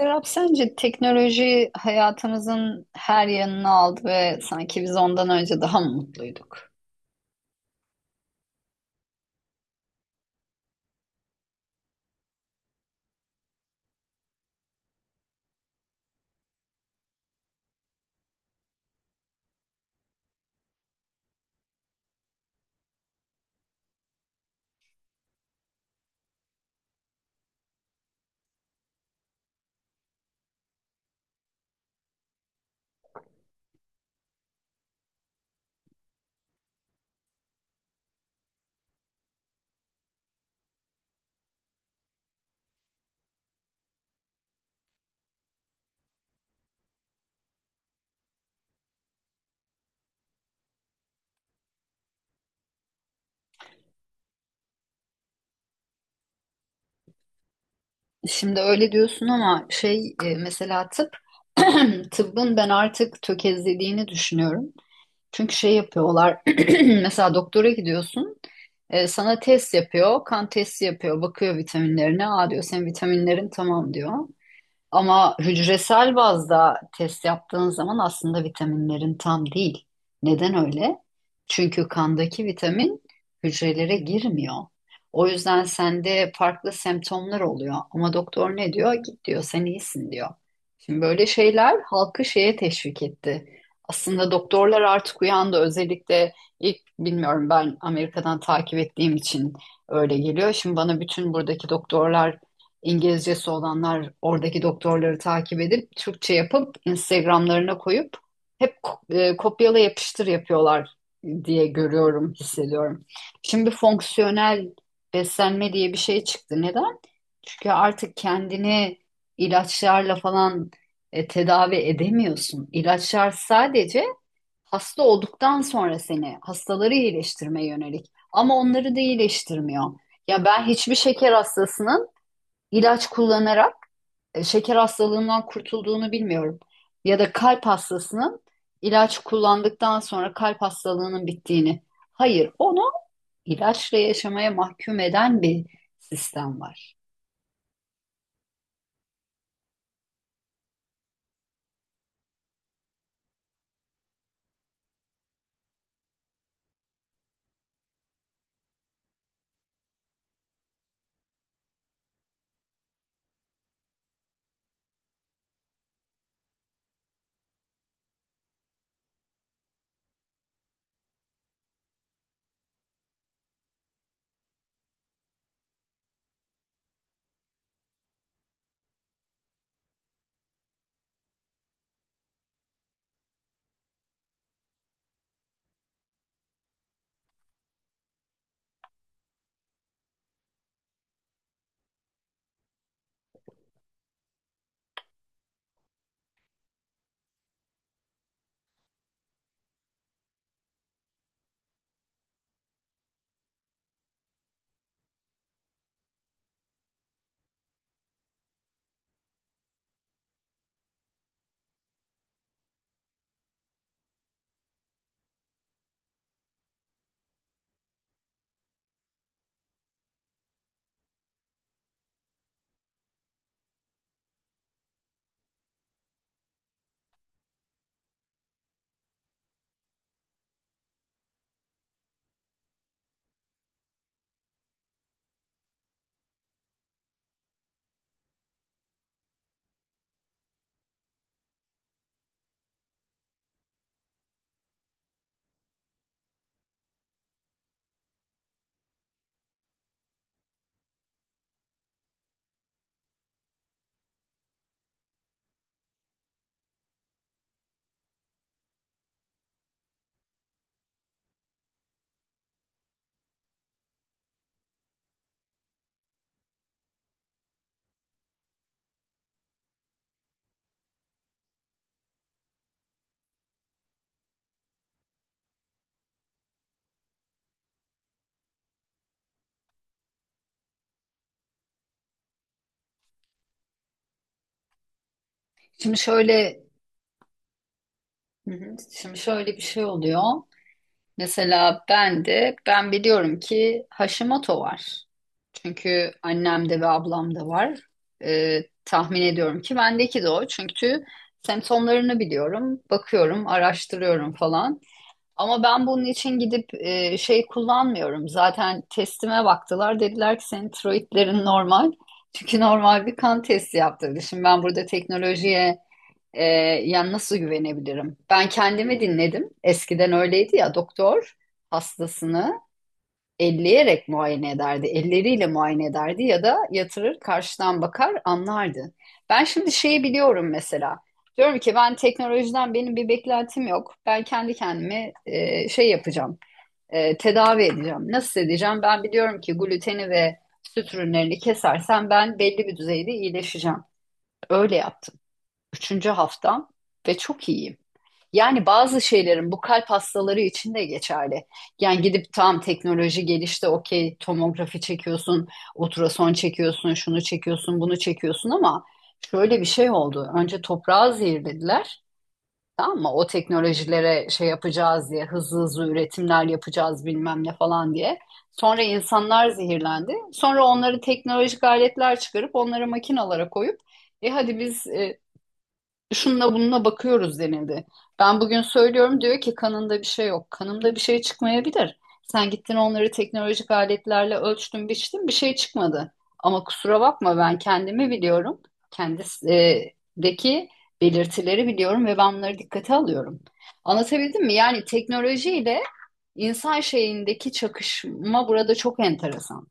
Serap, sence teknoloji hayatımızın her yanını aldı ve sanki biz ondan önce daha mı mutluyduk? Şimdi öyle diyorsun ama mesela tıp, tıbbın ben artık tökezlediğini düşünüyorum. Çünkü şey yapıyorlar, mesela doktora gidiyorsun, sana test yapıyor, kan testi yapıyor, bakıyor vitaminlerine, aa diyor senin vitaminlerin tamam diyor. Ama hücresel bazda test yaptığın zaman aslında vitaminlerin tam değil. Neden öyle? Çünkü kandaki vitamin hücrelere girmiyor. O yüzden sende farklı semptomlar oluyor. Ama doktor ne diyor? Git diyor, sen iyisin diyor. Şimdi böyle şeyler halkı şeye teşvik etti. Aslında doktorlar artık uyandı. Özellikle ilk bilmiyorum ben Amerika'dan takip ettiğim için öyle geliyor. Şimdi bana bütün buradaki doktorlar İngilizcesi olanlar oradaki doktorları takip edip Türkçe yapıp Instagram'larına koyup hep kopyala yapıştır yapıyorlar diye görüyorum, hissediyorum. Şimdi fonksiyonel beslenme diye bir şey çıktı. Neden? Çünkü artık kendini ilaçlarla falan tedavi edemiyorsun. İlaçlar sadece hasta olduktan sonra seni hastaları iyileştirmeye yönelik ama onları da iyileştirmiyor. Ya ben hiçbir şeker hastasının ilaç kullanarak şeker hastalığından kurtulduğunu bilmiyorum. Ya da kalp hastasının ilaç kullandıktan sonra kalp hastalığının bittiğini. Hayır, onu ilaçla yaşamaya mahkum eden bir sistem var. Şimdi şöyle, hı hı, şimdi şöyle bir şey oluyor. Mesela ben biliyorum ki Hashimoto var. Çünkü annemde ve ablamda var. Tahmin ediyorum ki bendeki de o. Çünkü semptomlarını biliyorum, bakıyorum, araştırıyorum falan. Ama ben bunun için gidip şey kullanmıyorum. Zaten testime baktılar. Dediler ki senin tiroidlerin normal. Çünkü normal bir kan testi yaptırdı. Şimdi ben burada teknolojiye e, yani nasıl güvenebilirim? Ben kendimi dinledim. Eskiden öyleydi ya doktor hastasını elleyerek muayene ederdi. Elleriyle muayene ederdi ya da yatırır karşıdan bakar anlardı. Ben şimdi şeyi biliyorum mesela. Diyorum ki ben teknolojiden benim bir beklentim yok. Ben kendi kendime şey yapacağım. Tedavi edeceğim. Nasıl edeceğim? Ben biliyorum ki gluteni ve süt ürünlerini kesersem ben belli bir düzeyde iyileşeceğim. Öyle yaptım. Üçüncü haftam ve çok iyiyim. Yani bazı şeylerin bu kalp hastaları için de geçerli. Yani gidip tam teknoloji gelişti, okey tomografi çekiyorsun, ultrason çekiyorsun, şunu çekiyorsun, bunu çekiyorsun ama şöyle bir şey oldu. Önce toprağı zehirlediler. Tamam mı? O teknolojilere şey yapacağız diye, hızlı hızlı üretimler yapacağız bilmem ne falan diye. Sonra insanlar zehirlendi. Sonra onları teknolojik aletler çıkarıp onları makinalara koyup hadi biz şununla bununla bakıyoruz denildi. Ben bugün söylüyorum diyor ki kanında bir şey yok. Kanımda bir şey çıkmayabilir. Sen gittin onları teknolojik aletlerle ölçtün, biçtin bir şey çıkmadı. Ama kusura bakma ben kendimi biliyorum. Kendisindeki belirtileri biliyorum ve ben bunları dikkate alıyorum. Anlatabildim mi? Yani teknolojiyle insan şeyindeki çakışma burada çok enteresan.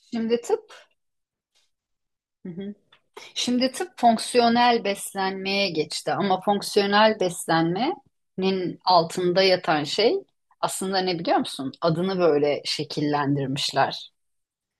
Şimdi tıp. Hı hı. Şimdi tıp fonksiyonel beslenmeye geçti ama fonksiyonel beslenmenin altında yatan şey aslında ne biliyor musun? Adını böyle şekillendirmişler.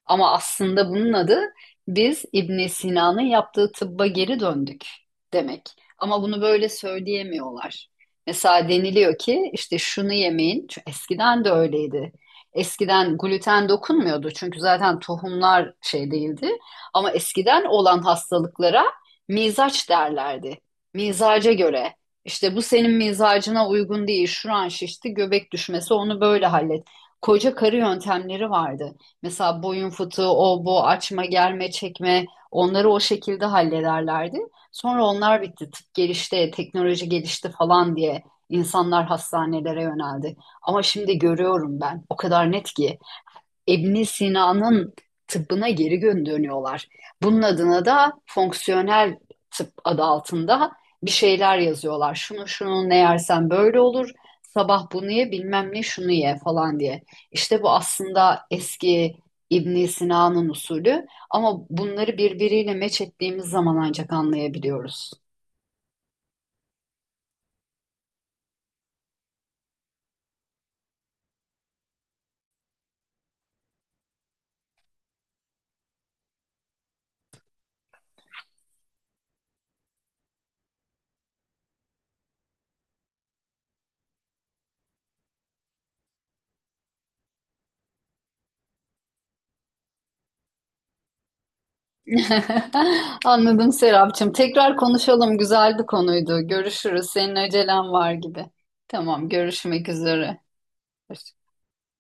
Ama aslında bunun adı biz İbn Sina'nın yaptığı tıbba geri döndük demek. Ama bunu böyle söyleyemiyorlar. Mesela deniliyor ki işte şunu yemeyin. Çünkü eskiden de öyleydi. Eskiden gluten dokunmuyordu çünkü zaten tohumlar şey değildi. Ama eskiden olan hastalıklara mizaç derlerdi. Mizaca göre. İşte bu senin mizacına uygun değil. Şuran şişti, göbek düşmesi onu böyle hallet. Koca karı yöntemleri vardı. Mesela boyun fıtığı, o bu, açma, germe, çekme onları o şekilde hallederlerdi. Sonra onlar bitti. Tıp gelişti, teknoloji gelişti falan diye insanlar hastanelere yöneldi. Ama şimdi görüyorum ben o kadar net ki İbn Sina'nın tıbbına geri dönüyorlar. Bunun adına da fonksiyonel tıp adı altında bir şeyler yazıyorlar. Şunu şunu ne yersen böyle olur. Sabah bunu ye, bilmem ne şunu ye falan diye. İşte bu aslında eski İbn Sina'nın usulü ama bunları birbiriyle meç ettiğimiz zaman ancak anlayabiliyoruz. Anladım Serapcığım. Tekrar konuşalım. Güzel bir konuydu. Görüşürüz. Senin acelen var gibi. Tamam, görüşmek üzere.